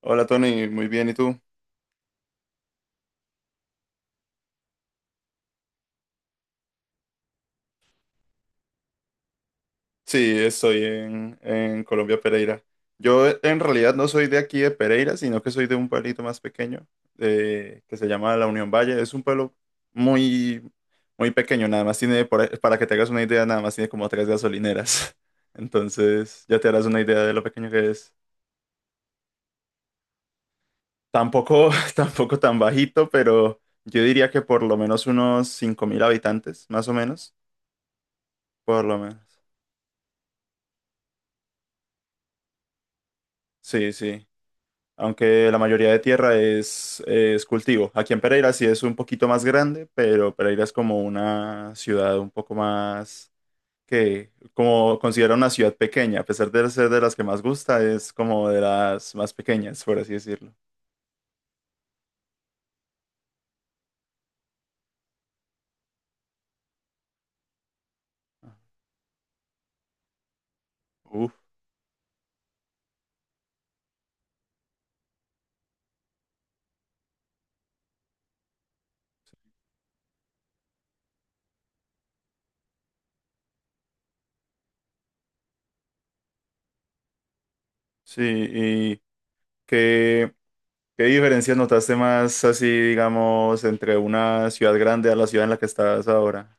Hola Tony, muy bien, ¿y tú? Sí, estoy en Colombia, Pereira. Yo en realidad no soy de aquí de Pereira, sino que soy de un pueblito más pequeño, que se llama La Unión Valle. Es un pueblo muy, muy pequeño, nada más tiene, para que te hagas una idea, nada más tiene como tres gasolineras. Entonces ya te harás una idea de lo pequeño que es. Tampoco, tampoco tan bajito, pero yo diría que por lo menos unos 5.000 habitantes, más o menos. Por lo menos. Sí, sí. Aunque la mayoría de tierra es cultivo. Aquí en Pereira sí es un poquito más grande, pero Pereira es como una ciudad un poco más que, como considera una ciudad pequeña, a pesar de ser de las que más gusta, es como de las más pequeñas, por así decirlo. Uf, sí, ¿y qué, qué diferencias notaste más así, digamos, entre una ciudad grande a la ciudad en la que estás ahora?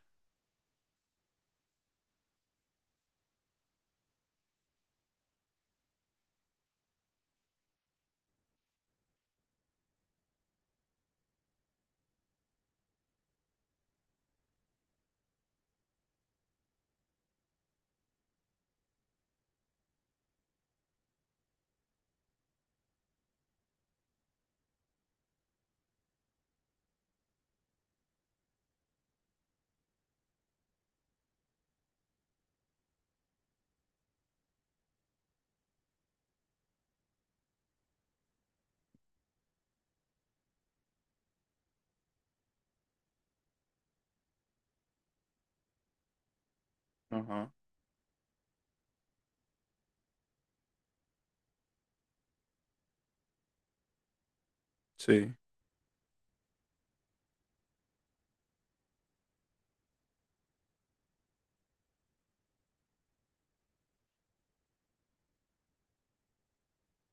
Ajá, sí.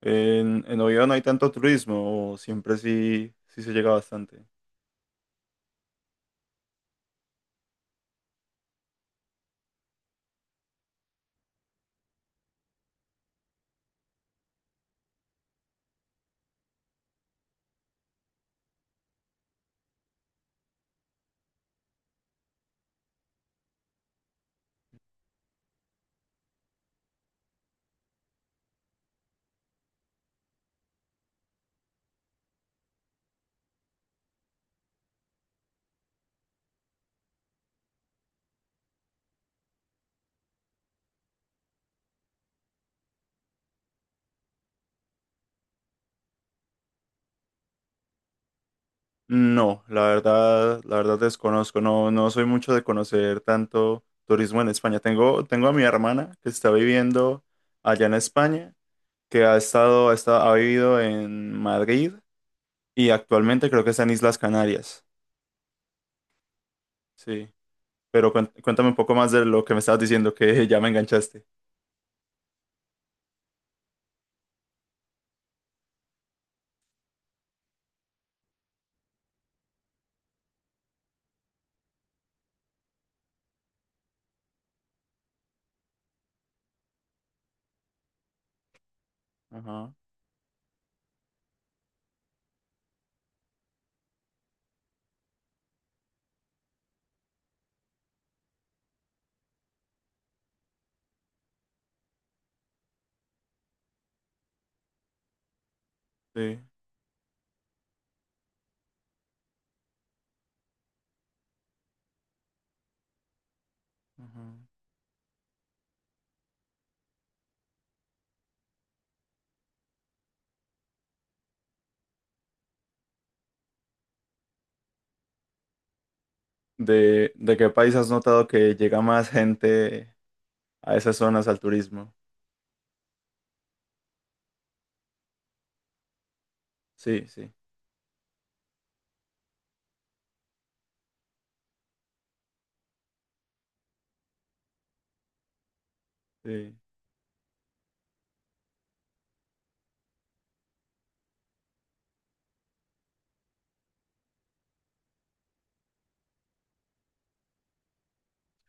En Oviedo no hay tanto turismo, o siempre sí se llega bastante. No, la verdad desconozco, no soy mucho de conocer tanto turismo en España. Tengo a mi hermana que está viviendo allá en España, que ha vivido en Madrid y actualmente creo que está en Islas Canarias. Sí, pero cuéntame un poco más de lo que me estabas diciendo, que ya me enganchaste. Ajá, sí. Ajá. ¿De qué país has notado que llega más gente a esas zonas al turismo? Sí, sí, sí,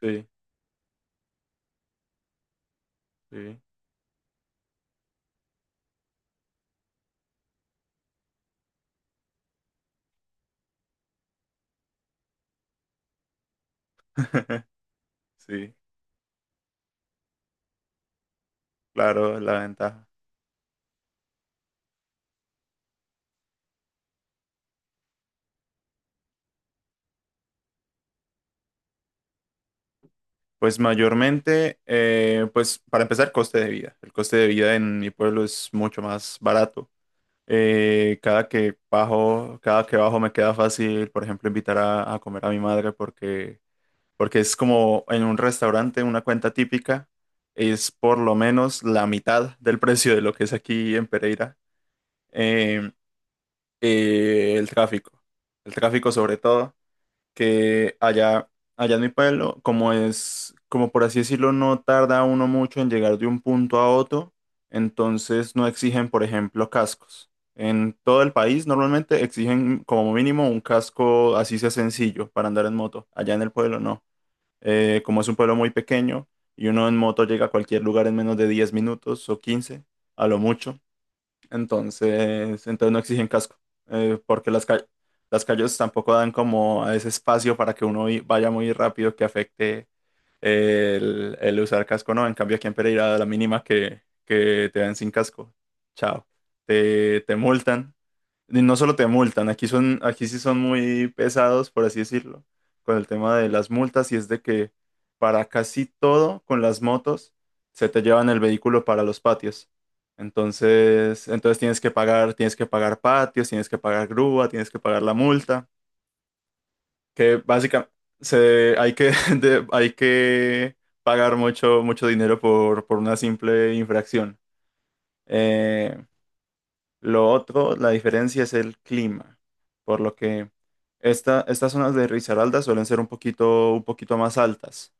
sí, sí. Sí, claro, la ventaja. Pues mayormente, pues para empezar, coste de vida. El coste de vida en mi pueblo es mucho más barato. Cada que bajo me queda fácil, por ejemplo, invitar a comer a mi madre porque es como en un restaurante, una cuenta típica, es por lo menos la mitad del precio de lo que es aquí en Pereira. Eh, eh, el tráfico, el tráfico sobre todo. Que allá en mi pueblo, como es, como por así decirlo, no tarda uno mucho en llegar de un punto a otro, entonces no exigen, por ejemplo, cascos. En todo el país normalmente exigen como mínimo un casco así sea sencillo para andar en moto. Allá en el pueblo no. Como es un pueblo muy pequeño y uno en moto llega a cualquier lugar en menos de 10 minutos o 15 a lo mucho. Entonces no exigen casco, porque las calles tampoco dan como a ese espacio para que uno vaya muy rápido que afecte el usar casco, ¿no? En cambio, aquí en Pereira, a la mínima que te dan sin casco, chao, te multan. Y no solo te multan, aquí sí son muy pesados, por así decirlo, con el tema de las multas, y es de que para casi todo con las motos se te llevan el vehículo para los patios. Entonces tienes que pagar, patios, tienes que pagar grúa, tienes que pagar la multa, que básicamente se, hay que, hay que pagar mucho, mucho dinero por una simple infracción. Eh, lo otro, la diferencia es el clima, por lo que estas zonas de Risaralda suelen ser un poquito más altas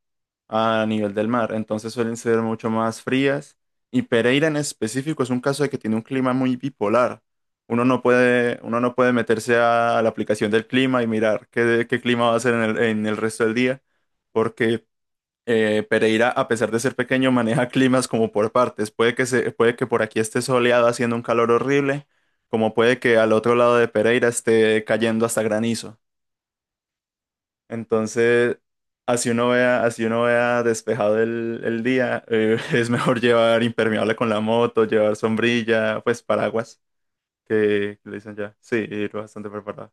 a nivel del mar, entonces suelen ser mucho más frías. Y Pereira en específico es un caso de que tiene un clima muy bipolar. Uno no puede meterse a la aplicación del clima y mirar qué clima va a ser en el resto del día, porque Pereira, a pesar de ser pequeño, maneja climas como por partes. Puede que por aquí esté soleado haciendo un calor horrible, como puede que al otro lado de Pereira esté cayendo hasta granizo. Entonces, así uno vea despejado el día, es mejor llevar impermeable con la moto, llevar sombrilla, pues paraguas, que le dicen ya. Sí, ir bastante preparado.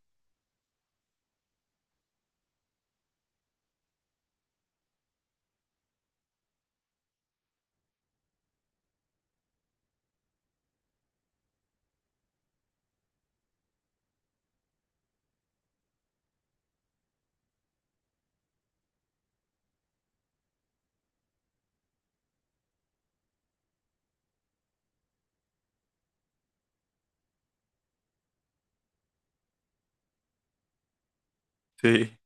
Sí,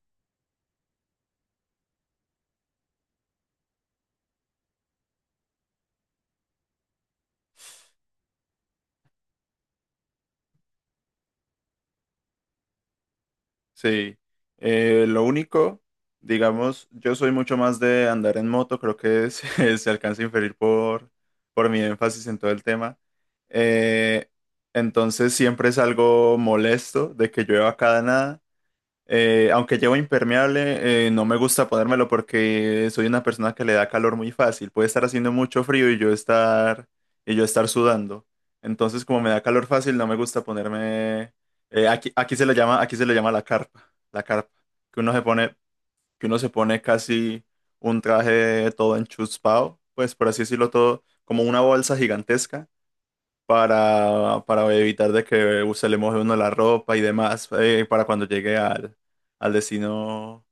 sí. Lo único, digamos, yo soy mucho más de andar en moto, creo que se alcanza a inferir por mi énfasis en todo el tema. Eh, entonces siempre salgo molesto de que llueva cada nada. Aunque llevo impermeable, no me gusta ponérmelo porque soy una persona que le da calor muy fácil. Puede estar haciendo mucho frío yo estar sudando. Entonces, como me da calor fácil, no me gusta ponerme. Aquí, aquí se le llama, aquí se le llama la carpa, que uno se pone, que uno se pone casi un traje todo enchuspado, pues por así decirlo todo, como una bolsa gigantesca para evitar de que se le moje uno la ropa y demás, para cuando llegue al destino.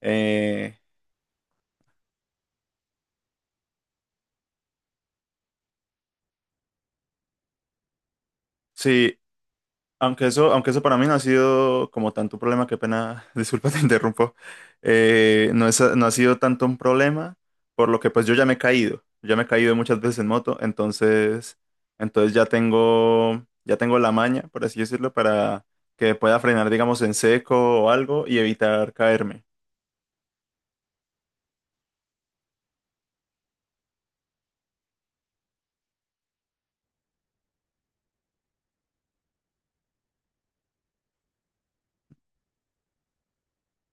Eh, sí, aunque eso para mí no ha sido como tanto un problema, qué pena, disculpa, te interrumpo. No ha sido tanto un problema, por lo que pues yo ya me he caído muchas veces en moto, entonces ya tengo la maña, por así decirlo, para que pueda frenar, digamos, en seco o algo y evitar caerme.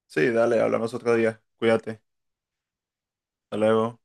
Sí, dale, hablamos otro día. Cuídate. Hasta luego.